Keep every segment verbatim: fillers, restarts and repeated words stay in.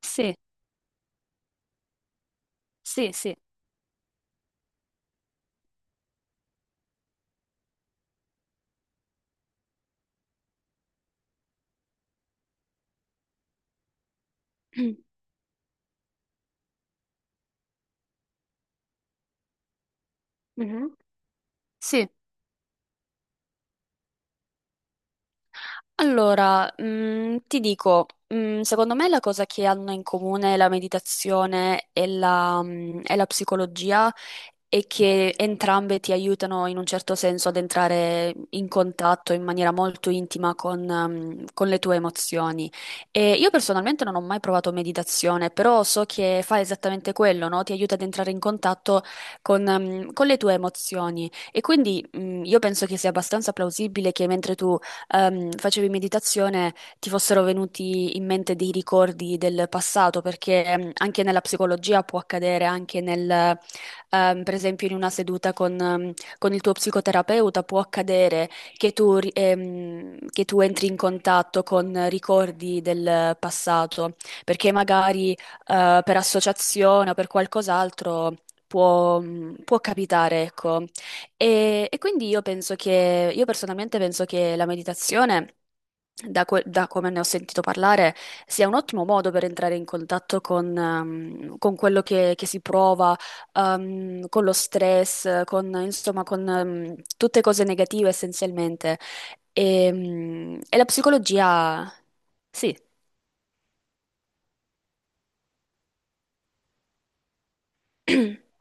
Sì, sì, sì, Mhm. Sì. Allora, mm, ti dico, mm, secondo me la cosa che hanno in comune la meditazione e la, mm, e la psicologia è che entrambe ti aiutano in un certo senso ad entrare in contatto in maniera molto intima con, mm, con le tue emozioni. E io personalmente non ho mai provato meditazione, però so che fa esattamente quello, no? Ti aiuta ad entrare in contatto con, mm, con le tue emozioni. E quindi, mm, io penso che sia abbastanza plausibile che mentre tu ehm, facevi meditazione ti fossero venuti in mente dei ricordi del passato, perché ehm, anche nella psicologia può accadere, anche nel, ehm, per esempio in una seduta con, ehm, con il tuo psicoterapeuta può accadere che tu, ri- ehm, che tu entri in contatto con ricordi del passato, perché magari eh, per associazione o per qualcos'altro può, può capitare, ecco. E, e quindi io penso che, io personalmente penso che la meditazione, da, que- da come ne ho sentito parlare, sia un ottimo modo per entrare in contatto con, ehm, con quello che, che si prova, ehm, con lo stress, con, insomma, con, ehm, tutte cose negative essenzialmente. E, mm, e la psicologia. Sì.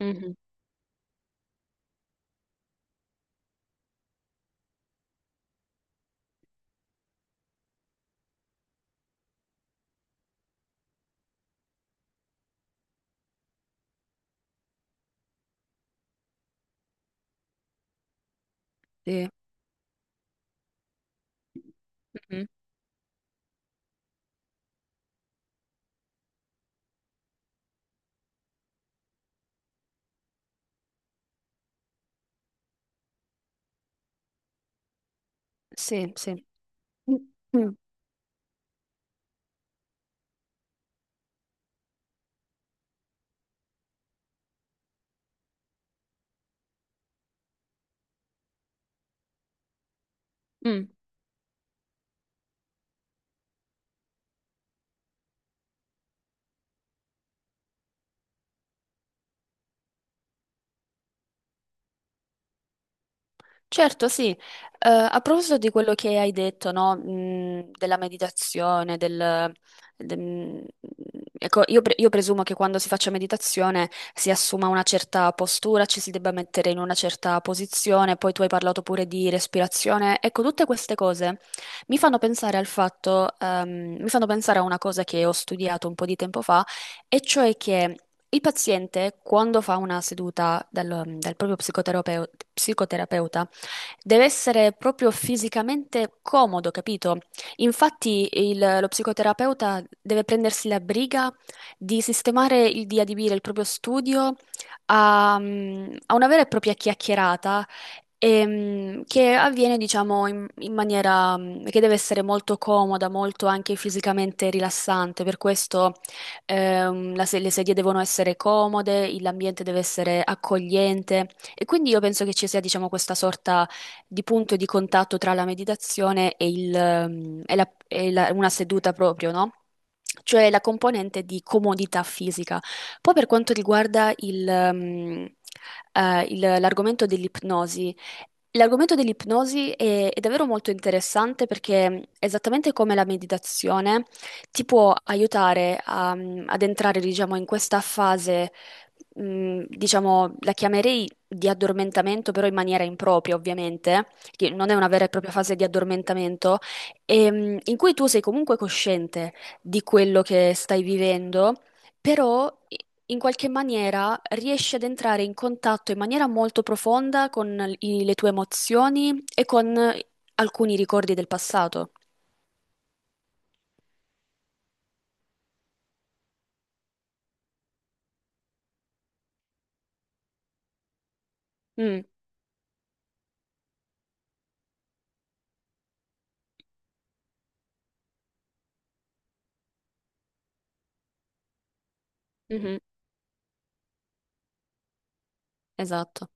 Mhm. Sì. Mhm. Sì, sì. Mm. Mm. Certo, sì. Eh, a proposito di quello che hai detto, no, mh, della meditazione, del, de- mh, ecco, io, pre- io presumo che quando si faccia meditazione si assuma una certa postura, ci si debba mettere in una certa posizione, poi tu hai parlato pure di respirazione. Ecco, tutte queste cose mi fanno pensare al fatto, ehm, mi fanno pensare a una cosa che ho studiato un po' di tempo fa, e cioè che il paziente, quando fa una seduta dal, dal proprio psicoterapeu- psicoterapeuta, Deve essere proprio fisicamente comodo, capito? Infatti il- lo psicoterapeuta deve prendersi la briga di sistemare, il- di adibire il proprio studio a, mm, a una vera e propria chiacchierata ehm, che avviene, diciamo, in, in maniera mm, che deve essere molto comoda, molto anche fisicamente rilassante. Per questo ehm, la se- le sedie devono essere comode, il- l'ambiente deve essere accogliente. E quindi io penso che ci sia, diciamo, questa sorta di punto di contatto tra la meditazione e, il, ehm, e la- e la- una seduta proprio, no? Cioè la componente di comodità fisica. Poi per quanto riguarda il, ehm, eh, il- l'argomento dell'ipnosi. L'argomento dell'ipnosi è, è davvero molto interessante perché, esattamente come la meditazione, ti può aiutare a- ad entrare, diciamo, in questa fase mh, diciamo, la chiamerei di addormentamento, però in maniera impropria, ovviamente, che non è una vera e propria fase di addormentamento, ehm, in cui tu sei comunque cosciente di quello che stai vivendo, però i- in qualche maniera riesci ad entrare in contatto in maniera molto profonda con i- le tue emozioni e con alcuni ricordi del passato. Mm, mhm, esatto.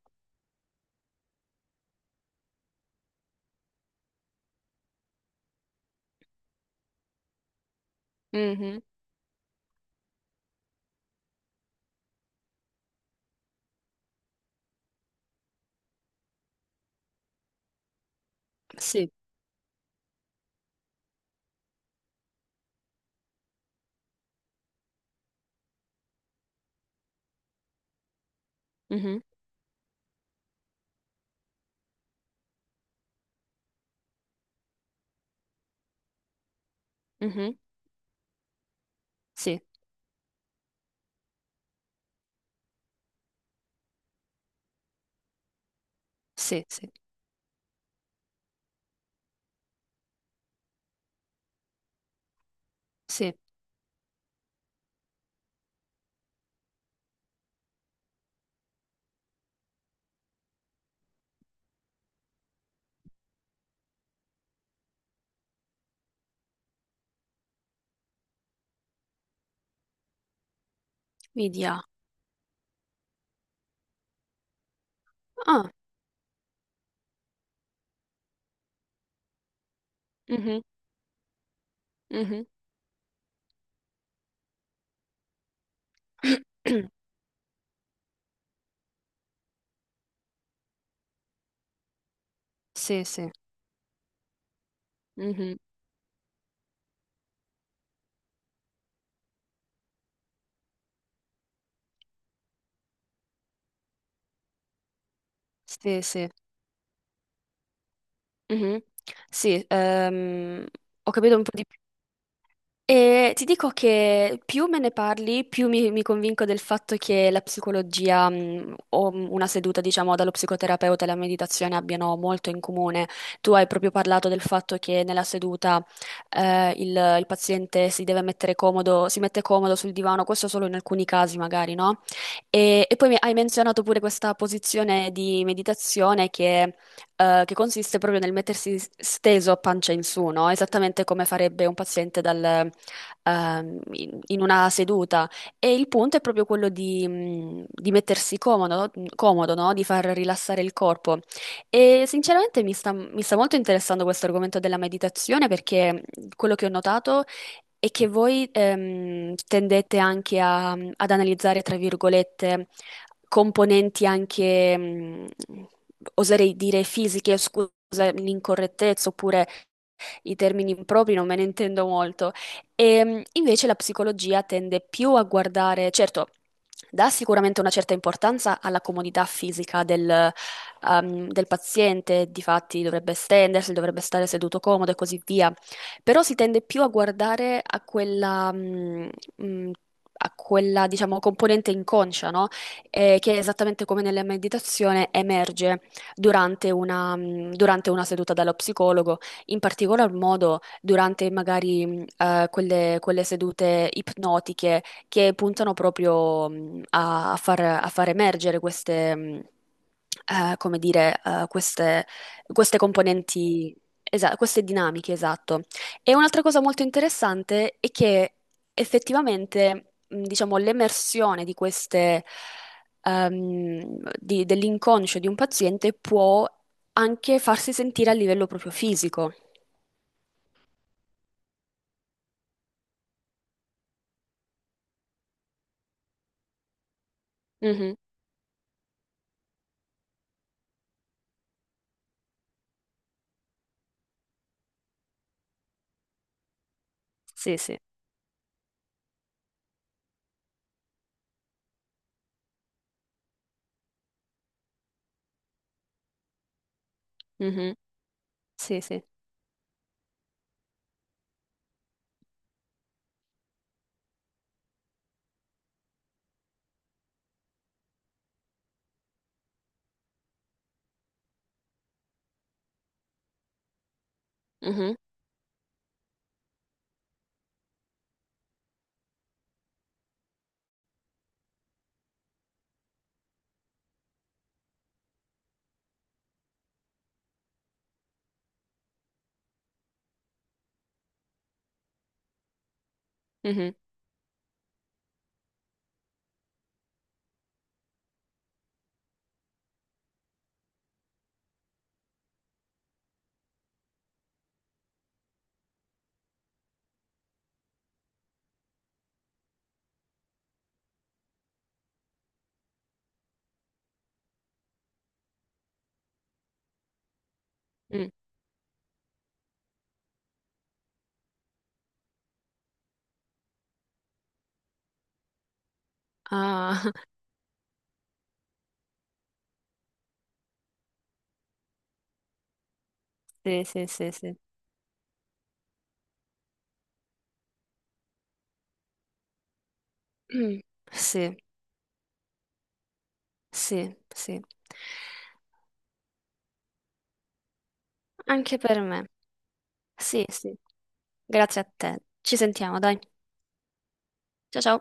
Mhm. Sì. Mhm, mhm, sì, sì, sì, sì. Media. Ah, mhm, mhm. Sì, sì, mhm, sì, sì. Mhm. Sì, ehm, ho capito un po' di più. E ti dico che più me ne parli, più mi, mi convinco del fatto che la psicologia, mh, o mh, una seduta, diciamo, dallo psicoterapeuta e la meditazione abbiano molto in comune. Tu hai proprio parlato del fatto che nella seduta, eh, il, il paziente si deve mettere comodo, si mette comodo sul divano, questo solo in alcuni casi magari, no? E, e poi mi- hai menzionato pure questa posizione di meditazione che, eh, che consiste proprio nel mettersi steso a pancia in su, no? Esattamente come farebbe un paziente dal ehm, in, in una seduta. E il punto è proprio quello di, mh, di mettersi comodo, comodo, no? Di far rilassare il corpo. E sinceramente mi sta, mi sta molto interessando questo argomento della meditazione perché quello che ho notato è che voi ehm, tendete anche a- ad analizzare, tra virgolette, componenti anche, mh, oserei dire, fisiche, scusa l'incorrettezza, oppure i termini impropri non me ne intendo molto. E invece la psicologia tende più a guardare, certo, dà sicuramente una certa importanza alla comodità fisica del, ehm, del paziente, difatti dovrebbe stendersi, dovrebbe stare seduto comodo e così via, però si tende più a guardare a quella, mm, mm, a quella, diciamo, componente inconscia, no? Eh, che esattamente come nella meditazione emerge durante una, mm, durante una seduta dallo psicologo, in particolar modo durante magari mh, eh, quelle, quelle sedute ipnotiche che puntano proprio mh, a, a far, a far emergere queste, mh, eh, come dire, eh, queste, queste componenti, esa- queste dinamiche, esatto. E un'altra cosa molto interessante è che effettivamente, mh, diciamo, l'emersione di queste ehm, di- dell'inconscio di un paziente può anche farsi sentire a livello proprio fisico. Mhm. Sì, sì. Mhm. Sì, sì. Mhm. Mhm. Mm. Ah, sì, sì, sì, sì. Mm. Sì, sì, sì. Anche per me. Sì, sì. Grazie a te. Ci sentiamo, dai. Ciao, ciao.